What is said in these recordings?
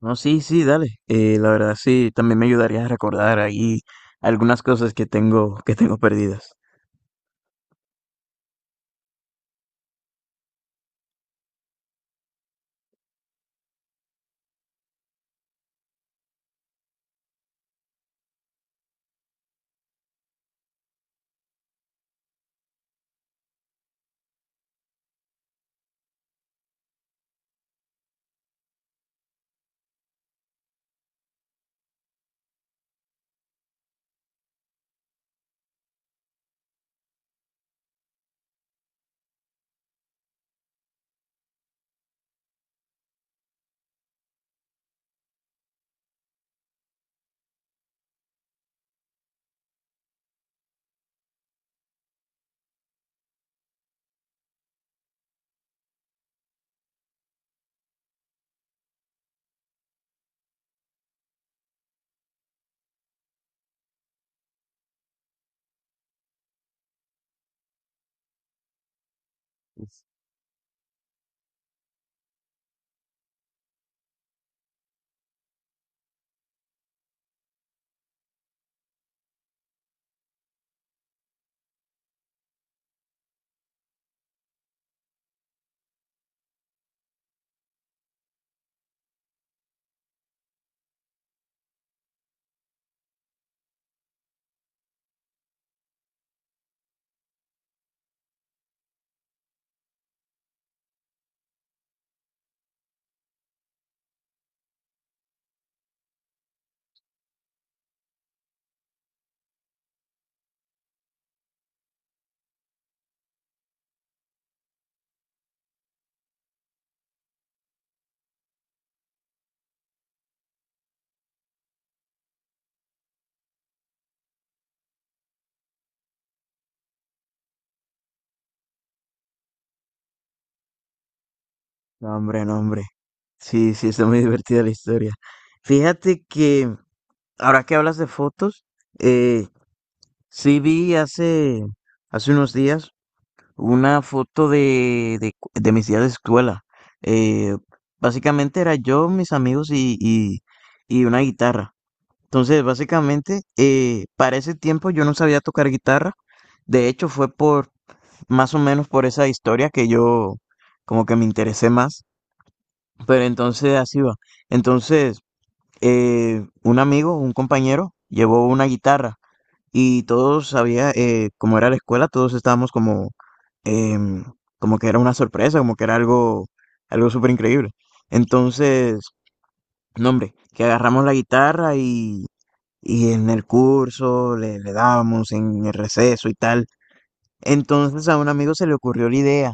No, sí, sí, dale. La verdad sí, también me ayudaría a recordar ahí algunas cosas que tengo perdidas. No, hombre, no, hombre. Sí, sí, está muy divertida la historia. Fíjate que ahora que hablas de fotos, eh, sí vi hace unos días una foto de mis días de escuela. Eh, básicamente era yo, mis amigos y una guitarra. Entonces, básicamente, para ese tiempo yo no sabía tocar guitarra. De hecho, fue por más o menos por esa historia que yo como que me interesé más. Pero entonces así va. Entonces, un amigo, un compañero, llevó una guitarra y todos sabía cómo era la escuela, todos estábamos como, em, como que era una sorpresa, como que era algo, algo súper increíble. Entonces, no, hombre, que agarramos la guitarra y en el curso le dábamos en el receso y tal. Entonces a un amigo se le ocurrió la idea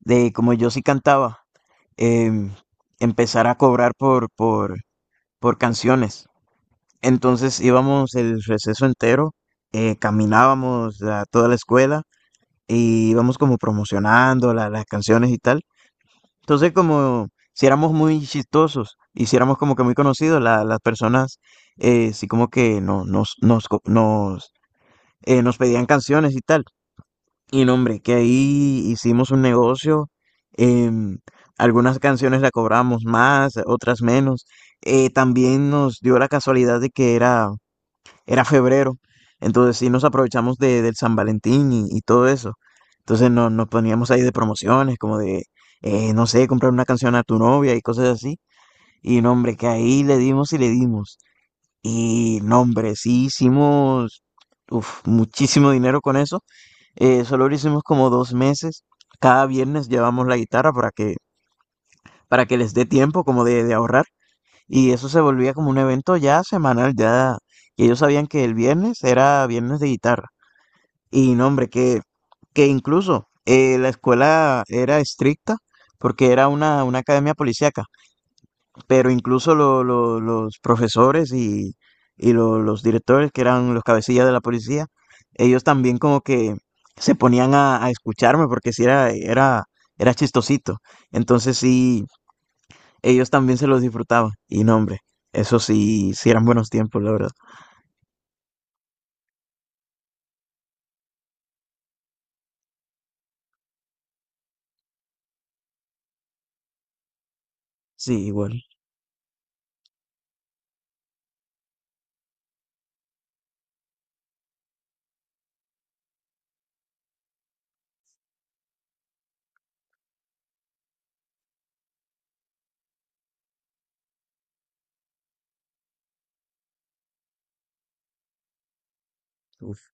de, como yo sí cantaba, em, empezar a cobrar por canciones. Entonces íbamos el receso entero, caminábamos a toda la escuela y íbamos como promocionando las canciones y tal. Entonces como si éramos muy chistosos, hiciéramos como que muy conocidos, las personas sí como que no, nos, nos, co- nos nos pedían canciones y tal. Y no, hombre, que ahí hicimos un negocio. em, algunas canciones la cobramos más, otras menos. También nos dio la casualidad de que era febrero. Entonces sí nos aprovechamos del San Valentín y todo eso. Entonces no, nos poníamos ahí de promociones, como de, no sé, comprar una canción a tu novia y cosas así. Y no, hombre, que ahí le dimos. Y no, hombre, sí hicimos uf, muchísimo dinero con eso. Solo lo hicimos como 2 meses. Cada viernes llevamos la guitarra para que les dé tiempo como de ahorrar. Y eso se volvía como un evento ya semanal, ya que ellos sabían que el viernes era viernes de guitarra. Y no, hombre, que incluso la escuela era estricta porque era una academia policíaca, pero incluso los profesores y los directores, que eran los cabecillas de la policía, ellos también como que se ponían a escucharme porque sí era chistosito. Entonces sí, ellos también se los disfrutaban. Y no, hombre, eso sí, sí eran buenos tiempos, la verdad. Sí, igual. Uf,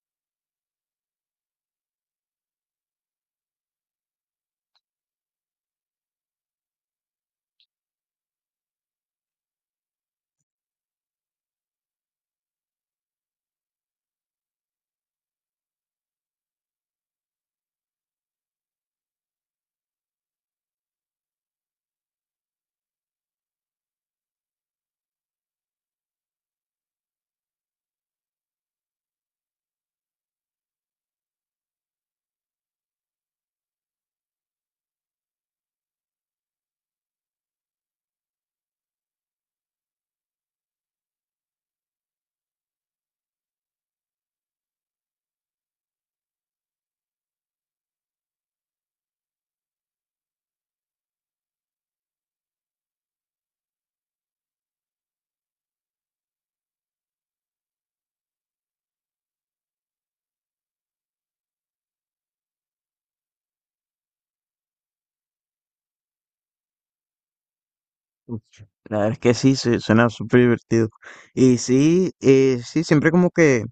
uf. La verdad es que sí, suena súper divertido. Y sí, sí, siempre como que.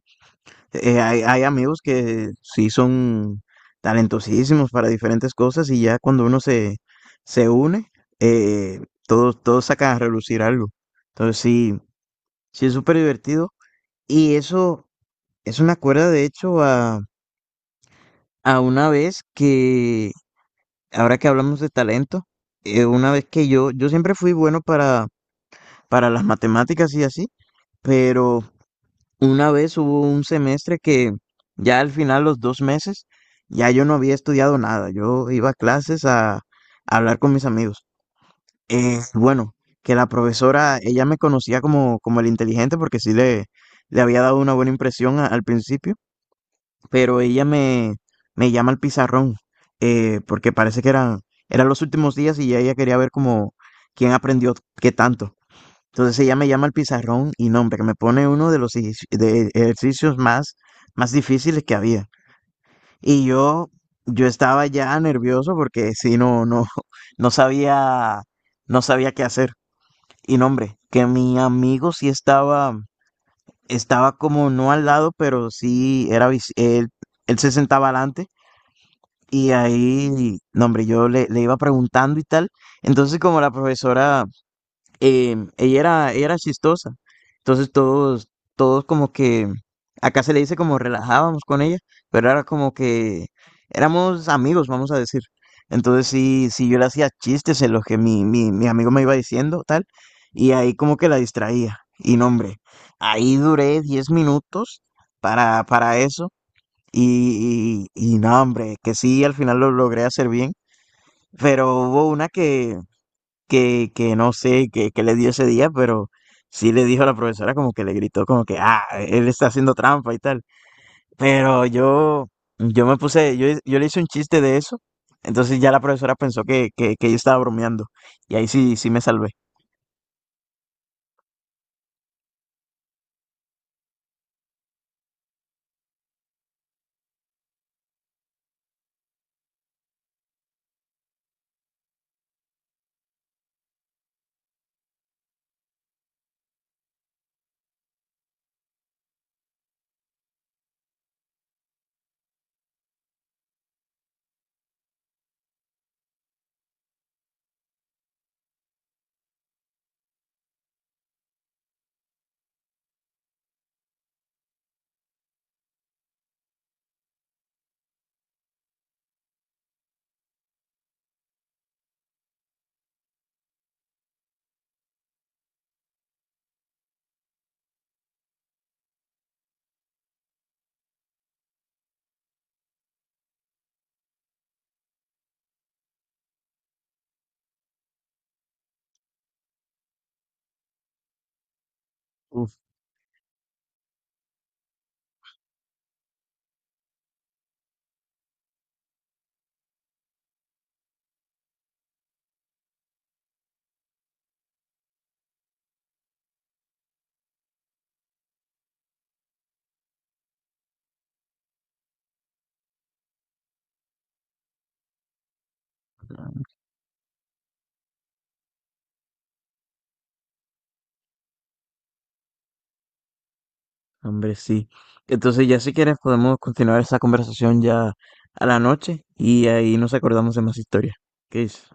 Hay amigos que sí son talentosísimos para diferentes cosas y ya cuando uno se une, eh, todos sacan a relucir algo. Entonces sí, sí es súper divertido. Y eso me acuerda de hecho a, una vez que, ahora que hablamos de talento, una vez que yo siempre fui bueno para las matemáticas y así, pero una vez hubo un semestre que ya al final, los 2 meses, ya yo no había estudiado nada. Yo iba a clases a hablar con mis amigos. Bueno, que la profesora, ella me conocía como el inteligente porque sí le había dado una buena impresión al principio, pero ella me llama al pizarrón porque parece que eran los últimos días y ya ella quería ver como quién aprendió qué tanto. Entonces ella me llama al pizarrón y no, hombre, que me pone uno de los ejerci- de ejercicios más difíciles que había. Y yo estaba ya nervioso porque si no, no sabía, no sabía qué hacer. Y no, hombre, que mi amigo sí estaba como no al lado, pero él se sentaba adelante. Y ahí, no, hombre, yo le iba preguntando y tal. Entonces, como la profesora ella era chistosa. Entonces todos como que, acá se le dice como relajábamos con ella, pero era como que éramos amigos, vamos a decir. Entonces sí, sí yo le hacía chistes en los que mi amigo me iba diciendo, tal, y ahí como que la distraía. Y no, hombre, ahí duré 10 minutos para eso, y no, hombre, que sí, al final lo logré hacer bien, pero hubo una que no sé qué le dio ese día, pero sí le dijo a la profesora como que le gritó como que, ah, él está haciendo trampa y tal. Pero yo, yo le hice un chiste de eso, entonces ya la profesora pensó que yo estaba bromeando y ahí sí, sí me salvé. Uf, hombre, sí. Entonces ya si quieres podemos continuar esa conversación ya a la noche y ahí nos acordamos de más historias. ¿Qué dices?